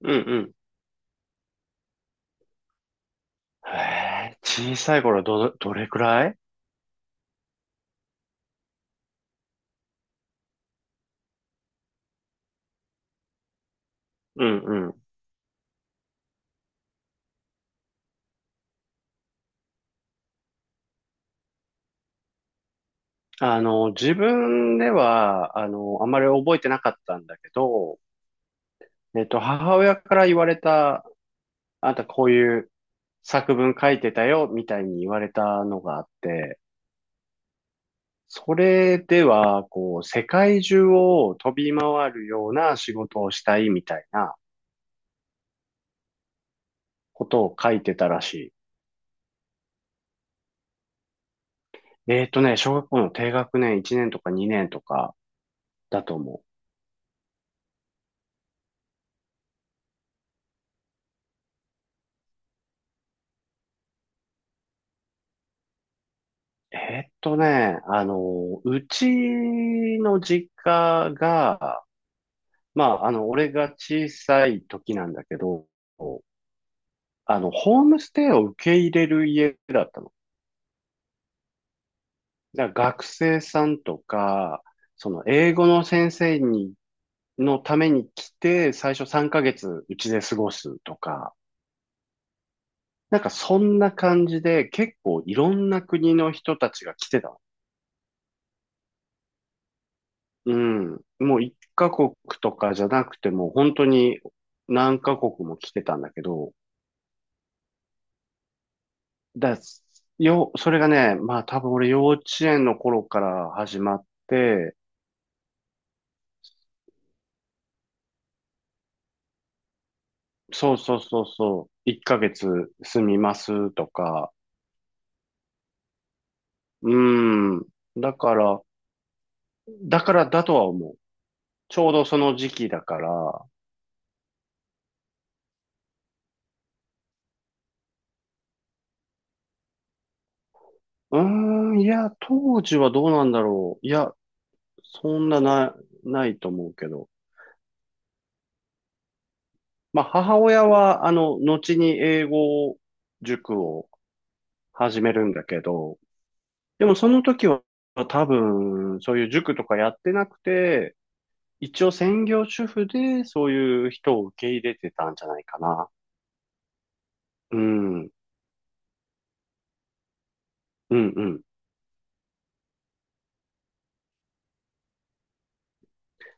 うんうん。へえ。小さい頃どれくらい？うん。うん。自分では、あまり覚えてなかったんだけど、母親から言われた、あんたこういう作文書いてたよ、みたいに言われたのがあって、それでは、こう、世界中を飛び回るような仕事をしたい、みたいなことを書いてたらしい。小学校の低学年1年とか2年とかだと思う。うちの実家が、まあ、俺が小さい時なんだけど、ホームステイを受け入れる家だったの。だから学生さんとか、その、英語の先生に、のために来て、最初3ヶ月うちで過ごすとか、なんかそんな感じで、結構いろんな国の人たちが来てたの。うん。もう一カ国とかじゃなくても、本当に何カ国も来てたんだけど、だ、それがね、まあ多分俺幼稚園の頃から始まって、そうそうそうそう、1ヶ月住みますとか。うん。だから、だからだとは思う。ちょうどその時期だから。うーん、いや、当時はどうなんだろう。いや、そんなな、ないと思うけど。まあ、母親は、後に英語塾を始めるんだけど、でもその時は多分、そういう塾とかやってなくて、一応専業主婦でそういう人を受け入れてたんじゃないかな。うん、うん、うん。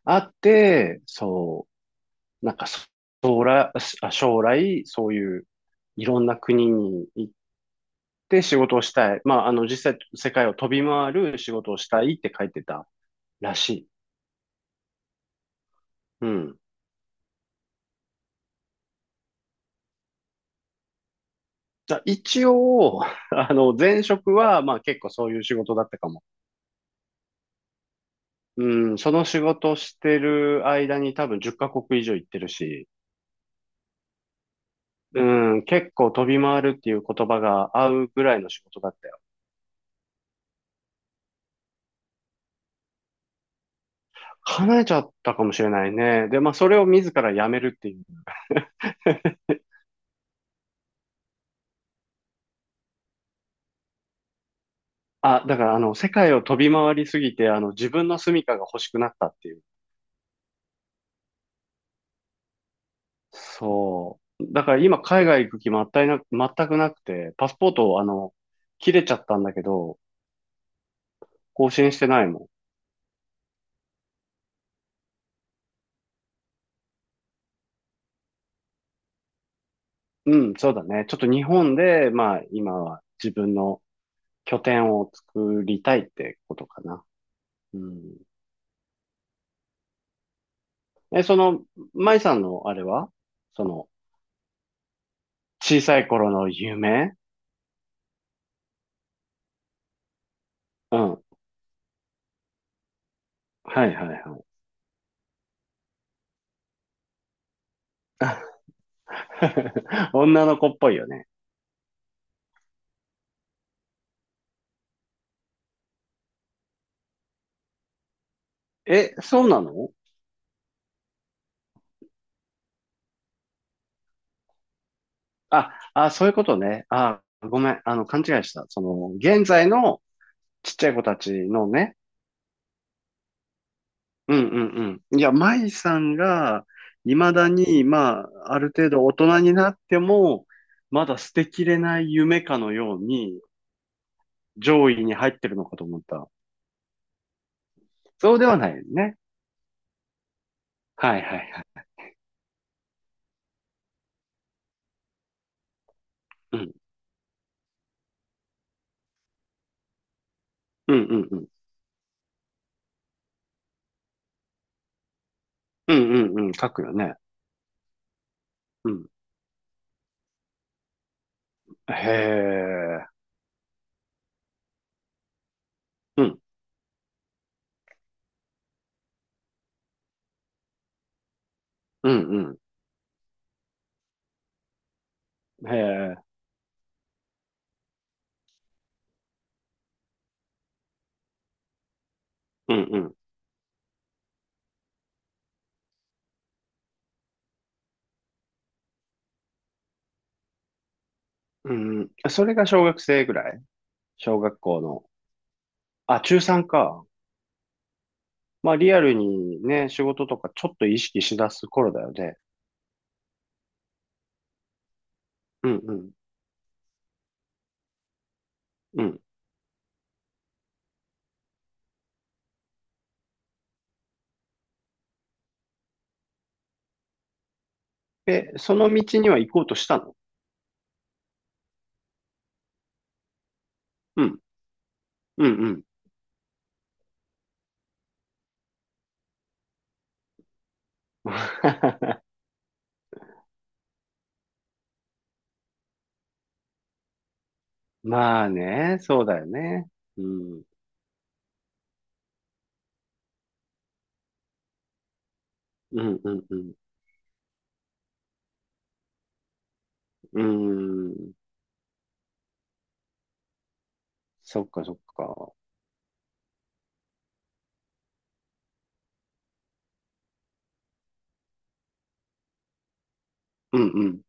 あって、そう、なんかそ将来、あ将来、そういういろんな国に行って仕事をしたい。まあ、実際世界を飛び回る仕事をしたいって書いてたらしい。うん。じゃあ一応、前職は、まあ結構そういう仕事だったかも。うん、その仕事してる間に多分10カ国以上行ってるし、うん、結構飛び回るっていう言葉が合うぐらいの仕事だったよ。叶えちゃったかもしれないね。で、まあそれを自ら辞めるっていう。あ、だから世界を飛び回りすぎて、自分の住処が欲しくなったっていう。そう。だから今海外行く気全くなくて、パスポート、切れちゃったんだけど、更新してないもん。うん、そうだね。ちょっと日本で、まあ、今は自分の拠点を作りたいってことかな。うん。え、舞さんのあれはその、小さい頃の夢？うん。はいはいはい。女の子っぽいよね。え、そうなの？あ、そういうことね。あ、ごめん。勘違いした。その、現在のちっちゃい子たちのね。うんうんうん。いや、舞さんが、未だに、まあ、ある程度大人になっても、まだ捨てきれない夢かのように、上位に入ってるのかと思った。そうではないよね。はいはいはい。うん。うんうんうん。うんうんうん。書くよね。うん。へえ。うん。うんうん。へえ。うんうん。うんうん。それが小学生ぐらい。小学校の。あ、中3か。まあ、リアルにね、仕事とかちょっと意識しだす頃だよね。うんうん。え、その道には行こうとしたの？うん。うん、うん。まあね、そうだよね。うん。うん、うん、うん。うーん。そっか、そっか。うん、うん。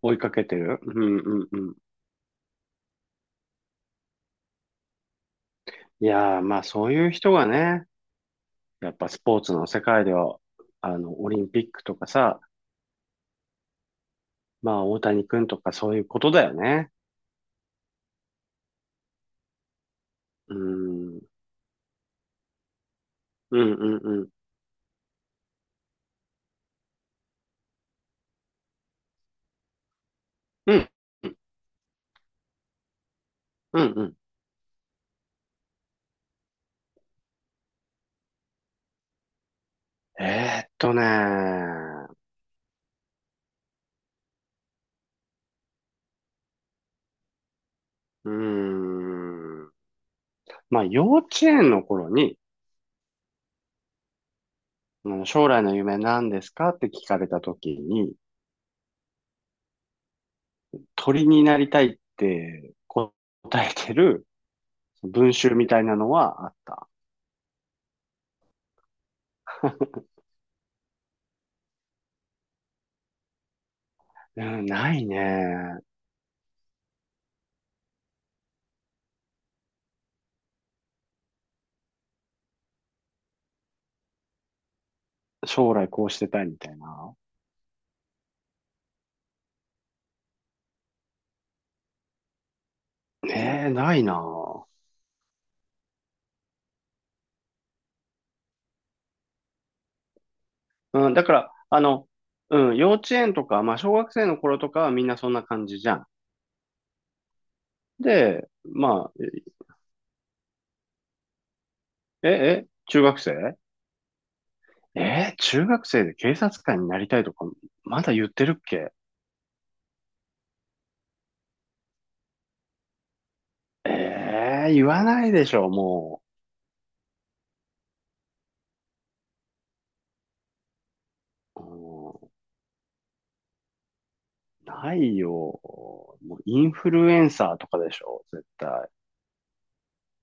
追いかけてる。うん、うん、うん。いやー、まあそういう人がね、やっぱスポーツの世界では、オリンピックとかさ、まあ大谷くんとかそういうことだよね。うーん。うん、うん、うん。うん、うん、うん。えーっとねー。うーん。まあ、幼稚園の頃に、うん将来の夢何ですかって聞かれた時に、鳥になりたいって答えてる文集みたいなのはあった。うん、ないね。将来こうしてたいみたいな。ねえ、ないな。うん、だから、幼稚園とか、まあ、小学生の頃とかはみんなそんな感じじゃん。で、まあ、え、え、中学生中学生で警察官になりたいとか、まだ言ってるっけ？ええ言わないでしょ、もう。うん、ないよ。もうインフルエンサーとかでしょ、絶対。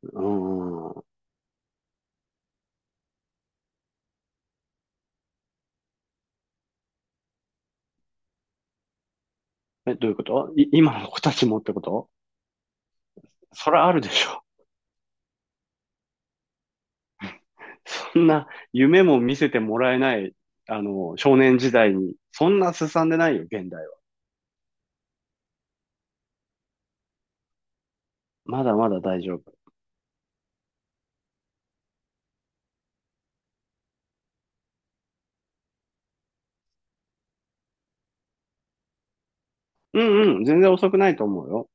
うん。え、どういうこと？今の子たちもってこと？それあるでしょ。そん夢も見せてもらえない、少年時代に。そんなすさんでないよ、現代は。まだまだ大丈夫。うんうん、全然遅くないと思うよ。